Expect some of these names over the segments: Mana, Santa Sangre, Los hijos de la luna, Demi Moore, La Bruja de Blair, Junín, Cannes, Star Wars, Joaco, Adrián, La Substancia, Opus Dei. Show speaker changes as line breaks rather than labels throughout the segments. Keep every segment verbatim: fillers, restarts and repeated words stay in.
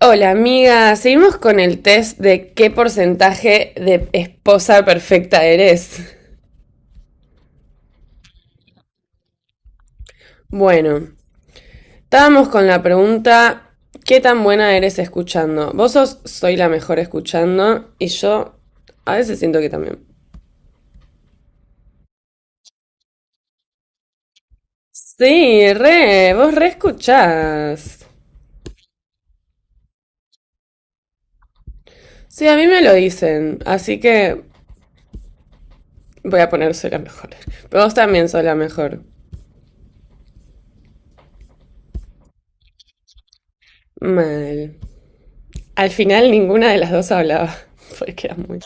Hola amiga, seguimos con el test de qué porcentaje de esposa perfecta eres. Bueno, estábamos con la pregunta, ¿qué tan buena eres escuchando? Vos sos, soy la mejor escuchando y yo a veces siento que también. Sí, re, vos re escuchás. Sí, a mí me lo dicen, así que voy a poner soy la mejor. Pero vos también sos la mejor. Mal. Al final ninguna de las dos hablaba, porque era muy...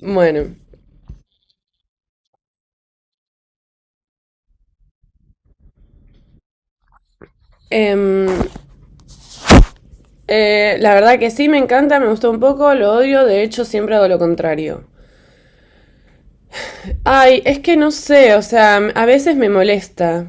Bueno. Em, eh, la verdad que sí, me encanta, me gustó un poco, lo odio, de hecho siempre hago lo contrario. Ay, es que no sé, o sea, a veces me molesta.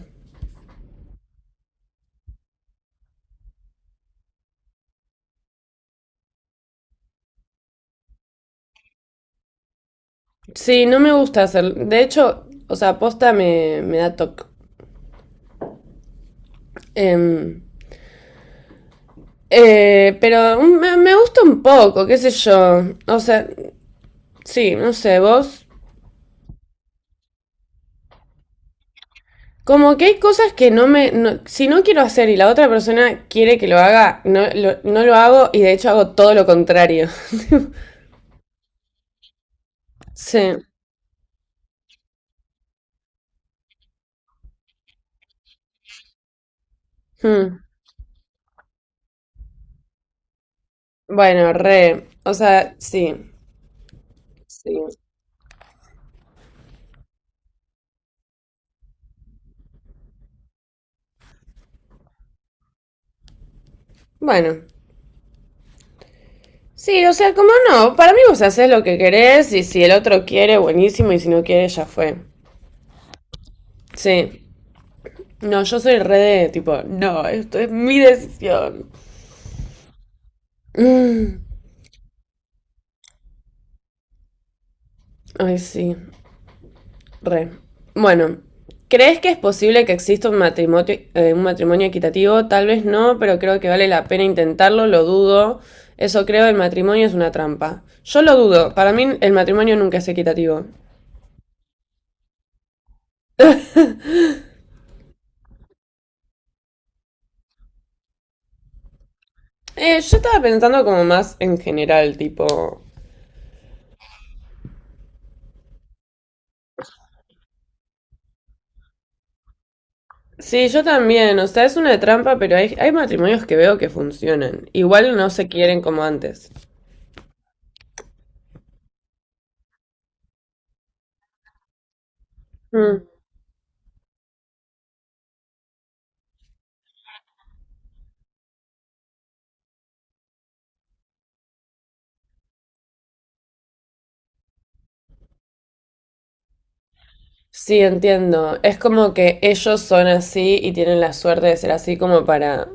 Sí, no me gusta hacer, de hecho, o sea, posta me, me da toque. Em, eh, pero me, me gusta un poco, qué sé yo. O sea, sí, no sé, vos. Como que hay cosas que no me... no- si no quiero hacer y la otra persona quiere que lo haga, no lo, no lo hago y de hecho hago todo lo contrario. Sí. Hmm, bueno, re, o sea, sí, sí. Bueno, sí, o sea, como no, para mí vos haces lo que querés y si el otro quiere, buenísimo, y si no quiere, ya fue. Sí. No, yo soy re de tipo, no, esto es mi decisión. Mm, Ay, sí. Re. Bueno, ¿crees que es posible que exista un matrimonio, eh, un matrimonio equitativo? Tal vez no, pero creo que vale la pena intentarlo, lo dudo. Eso creo, el matrimonio es una trampa. Yo lo dudo, para mí el matrimonio nunca es equitativo. Eh, yo estaba pensando como más en general, tipo... Sí, yo también, o sea, es una trampa, pero hay, hay matrimonios que veo que funcionan. Igual no se quieren como antes. Mm. Sí, entiendo. Es como que ellos son así y tienen la suerte de ser así como para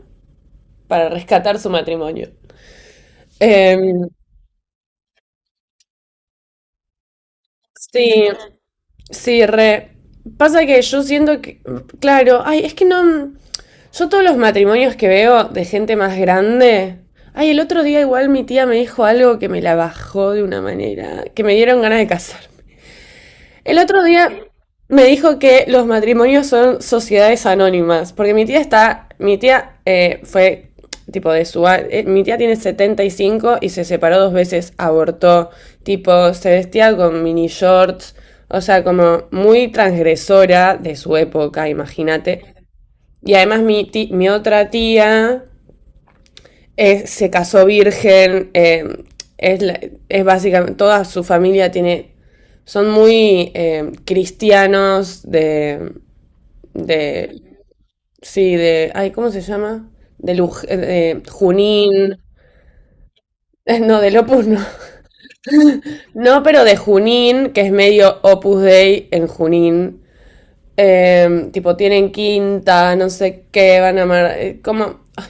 para rescatar su matrimonio. Em, sí, sí, re. Pasa que yo siento que, claro, ay, es que no, yo todos los matrimonios que veo de gente más grande, ay, el otro día igual mi tía me dijo algo que me la bajó de una manera, que me dieron ganas de casar. El otro día me dijo que los matrimonios son sociedades anónimas, porque mi tía está, mi tía eh, fue tipo de su, a- eh, mi tía tiene setenta y cinco y cinco y se separó dos veces, abortó, tipo se vestía con mini shorts, o sea, como muy transgresora de su época, imagínate. Y además mi, ti- mi otra tía es- se casó virgen, eh, es, es básicamente, toda su familia tiene, son muy eh, cristianos de, de, sí, de, ay, ¿cómo se llama? De, Luj- eh, de Junín, no, del Opus no, no, pero de Junín, que es medio Opus Dei en Junín. Eh, tipo, tienen quinta, no sé qué, van a amar. Eh, como. Ay,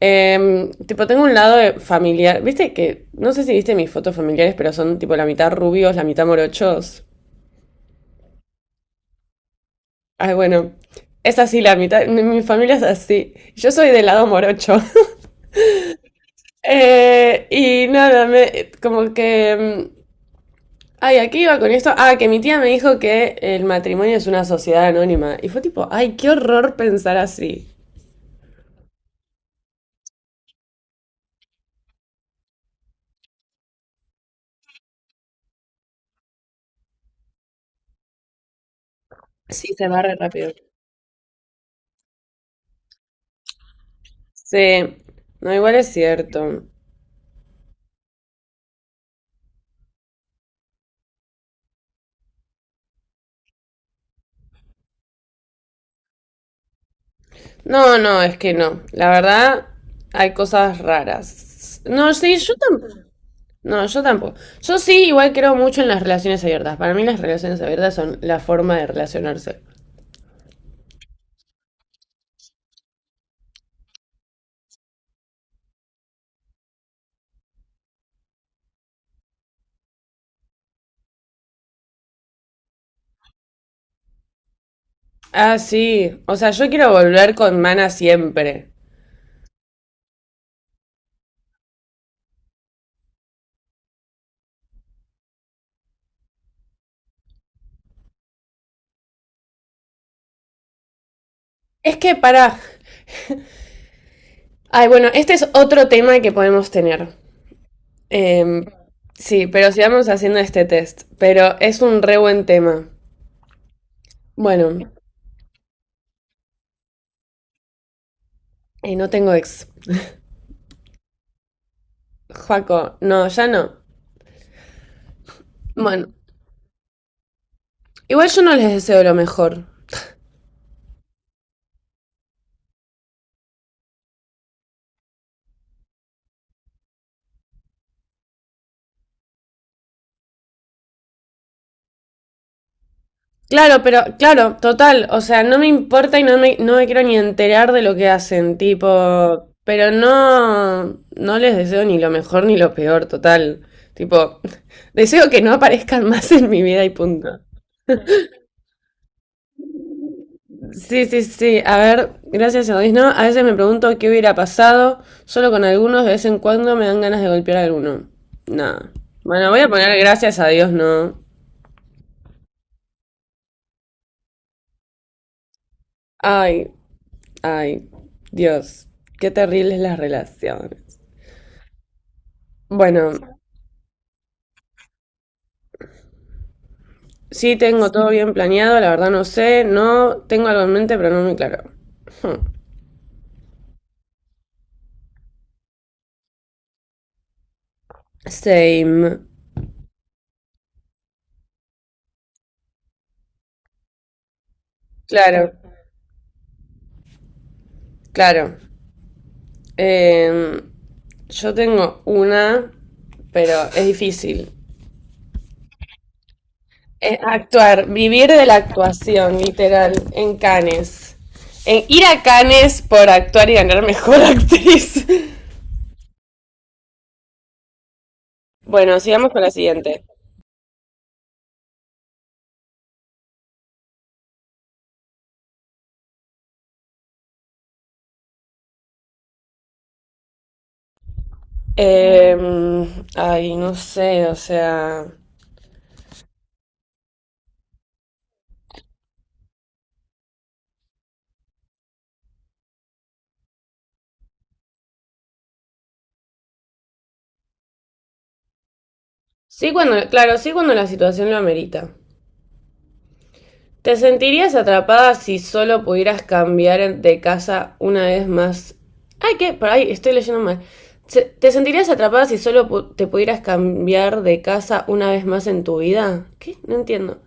Em, tipo, tengo un lado de familiar. Viste que, no sé si viste mis fotos familiares, pero son tipo la mitad rubios, la mitad morochos. Ay, bueno, es así la mitad. Mi mi familia es así. Yo soy del lado morocho. Eh, y nada, me, como que... mm, ay, aquí iba con esto. Ah, que mi tía me dijo que el matrimonio es una sociedad anónima. Y fue tipo, ay, qué horror pensar así. Sí, se va re rápido. Sí, no, igual es cierto. No, no, es que no. La verdad, hay cosas raras. No, sí, yo tampoco. No, yo tampoco. Yo sí, igual creo mucho en las relaciones abiertas. Para mí las relaciones abiertas son la forma de relacionarse. Ah, sí. O sea, yo quiero volver con Mana siempre. Es que para... Ay, bueno, este es otro tema que podemos tener. Em, sí, pero sigamos haciendo este test. Pero es un re buen tema. Bueno, y no tengo ex. Joaco, no, ya no. Bueno. Igual yo no les deseo lo mejor. Claro, pero claro, total, o sea, no me importa y no me, no me quiero ni enterar de lo que hacen, tipo, pero no, no les deseo ni lo mejor ni lo peor, total. Tipo, deseo que no aparezcan más en mi vida y punto. Sí, sí, sí, a ver, gracias a Dios, ¿no? A veces me pregunto qué hubiera pasado, solo con algunos, de vez en cuando me dan ganas de golpear a alguno. Nada. Bueno, voy a poner gracias a Dios, ¿no? Ay, ay, Dios, qué terribles las relaciones. Bueno, sí tengo todo bien planeado, la verdad no sé, no tengo algo en mente, pero no muy claro. Hmm, same. Claro, claro. Eh, yo tengo una, pero es difícil. Es actuar, vivir de la actuación, literal, en Cannes. En ir a Cannes por actuar y ganar mejor actriz. Bueno, sigamos con la siguiente. Eh, ay, no sé, o sea. Sí, cuando, claro, sí cuando la situación lo amerita. ¿Te sentirías atrapada si solo pudieras cambiar de casa una vez más? Ay, ¿qué? Por ahí estoy leyendo mal. Se- ¿Te sentirías atrapada si solo pu- te pudieras cambiar de casa una vez más en tu vida? ¿Qué? No entiendo.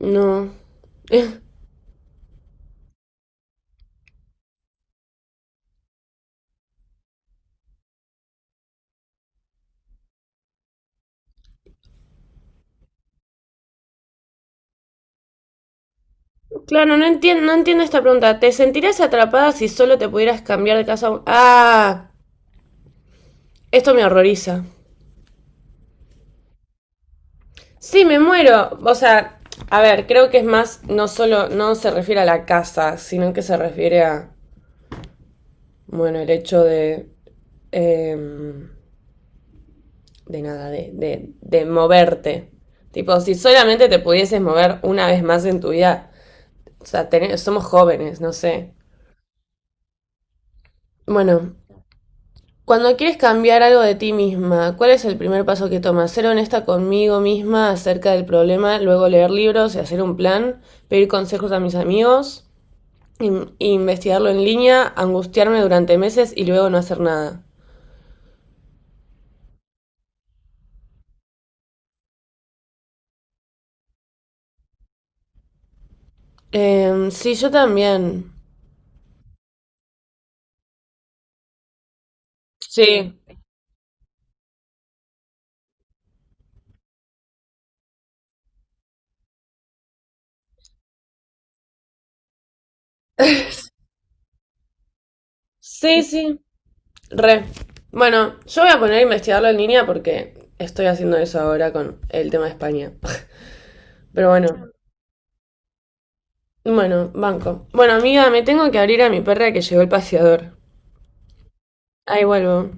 No. Eh, claro, no entiendo, no entiendo esta pregunta. ¿Te sentirías atrapada si solo te pudieras cambiar de casa? un- Ah, esto me horroriza. Sí, me muero. O sea, a ver, creo que es más, no solo, no se refiere a la casa, sino que se refiere a, bueno, el hecho de, em, de nada, de, de, de moverte. Tipo, si solamente te pudieses mover una vez más en tu vida, o sea, tené- somos jóvenes, no sé. Bueno, cuando quieres cambiar algo de ti misma, ¿cuál es el primer paso que tomas? Ser honesta conmigo misma acerca del problema, luego leer libros y hacer un plan, pedir consejos a mis amigos. In- investigarlo en línea, angustiarme durante meses y luego no hacer nada. Em, sí, yo también. Sí. Sí, sí. Re. Bueno, yo voy a poner a investigarlo en línea porque estoy haciendo eso ahora con el tema de España. Pero bueno, bueno, banco. Bueno, amiga, me tengo que abrir a mi perra que llegó el paseador. Ahí vuelvo.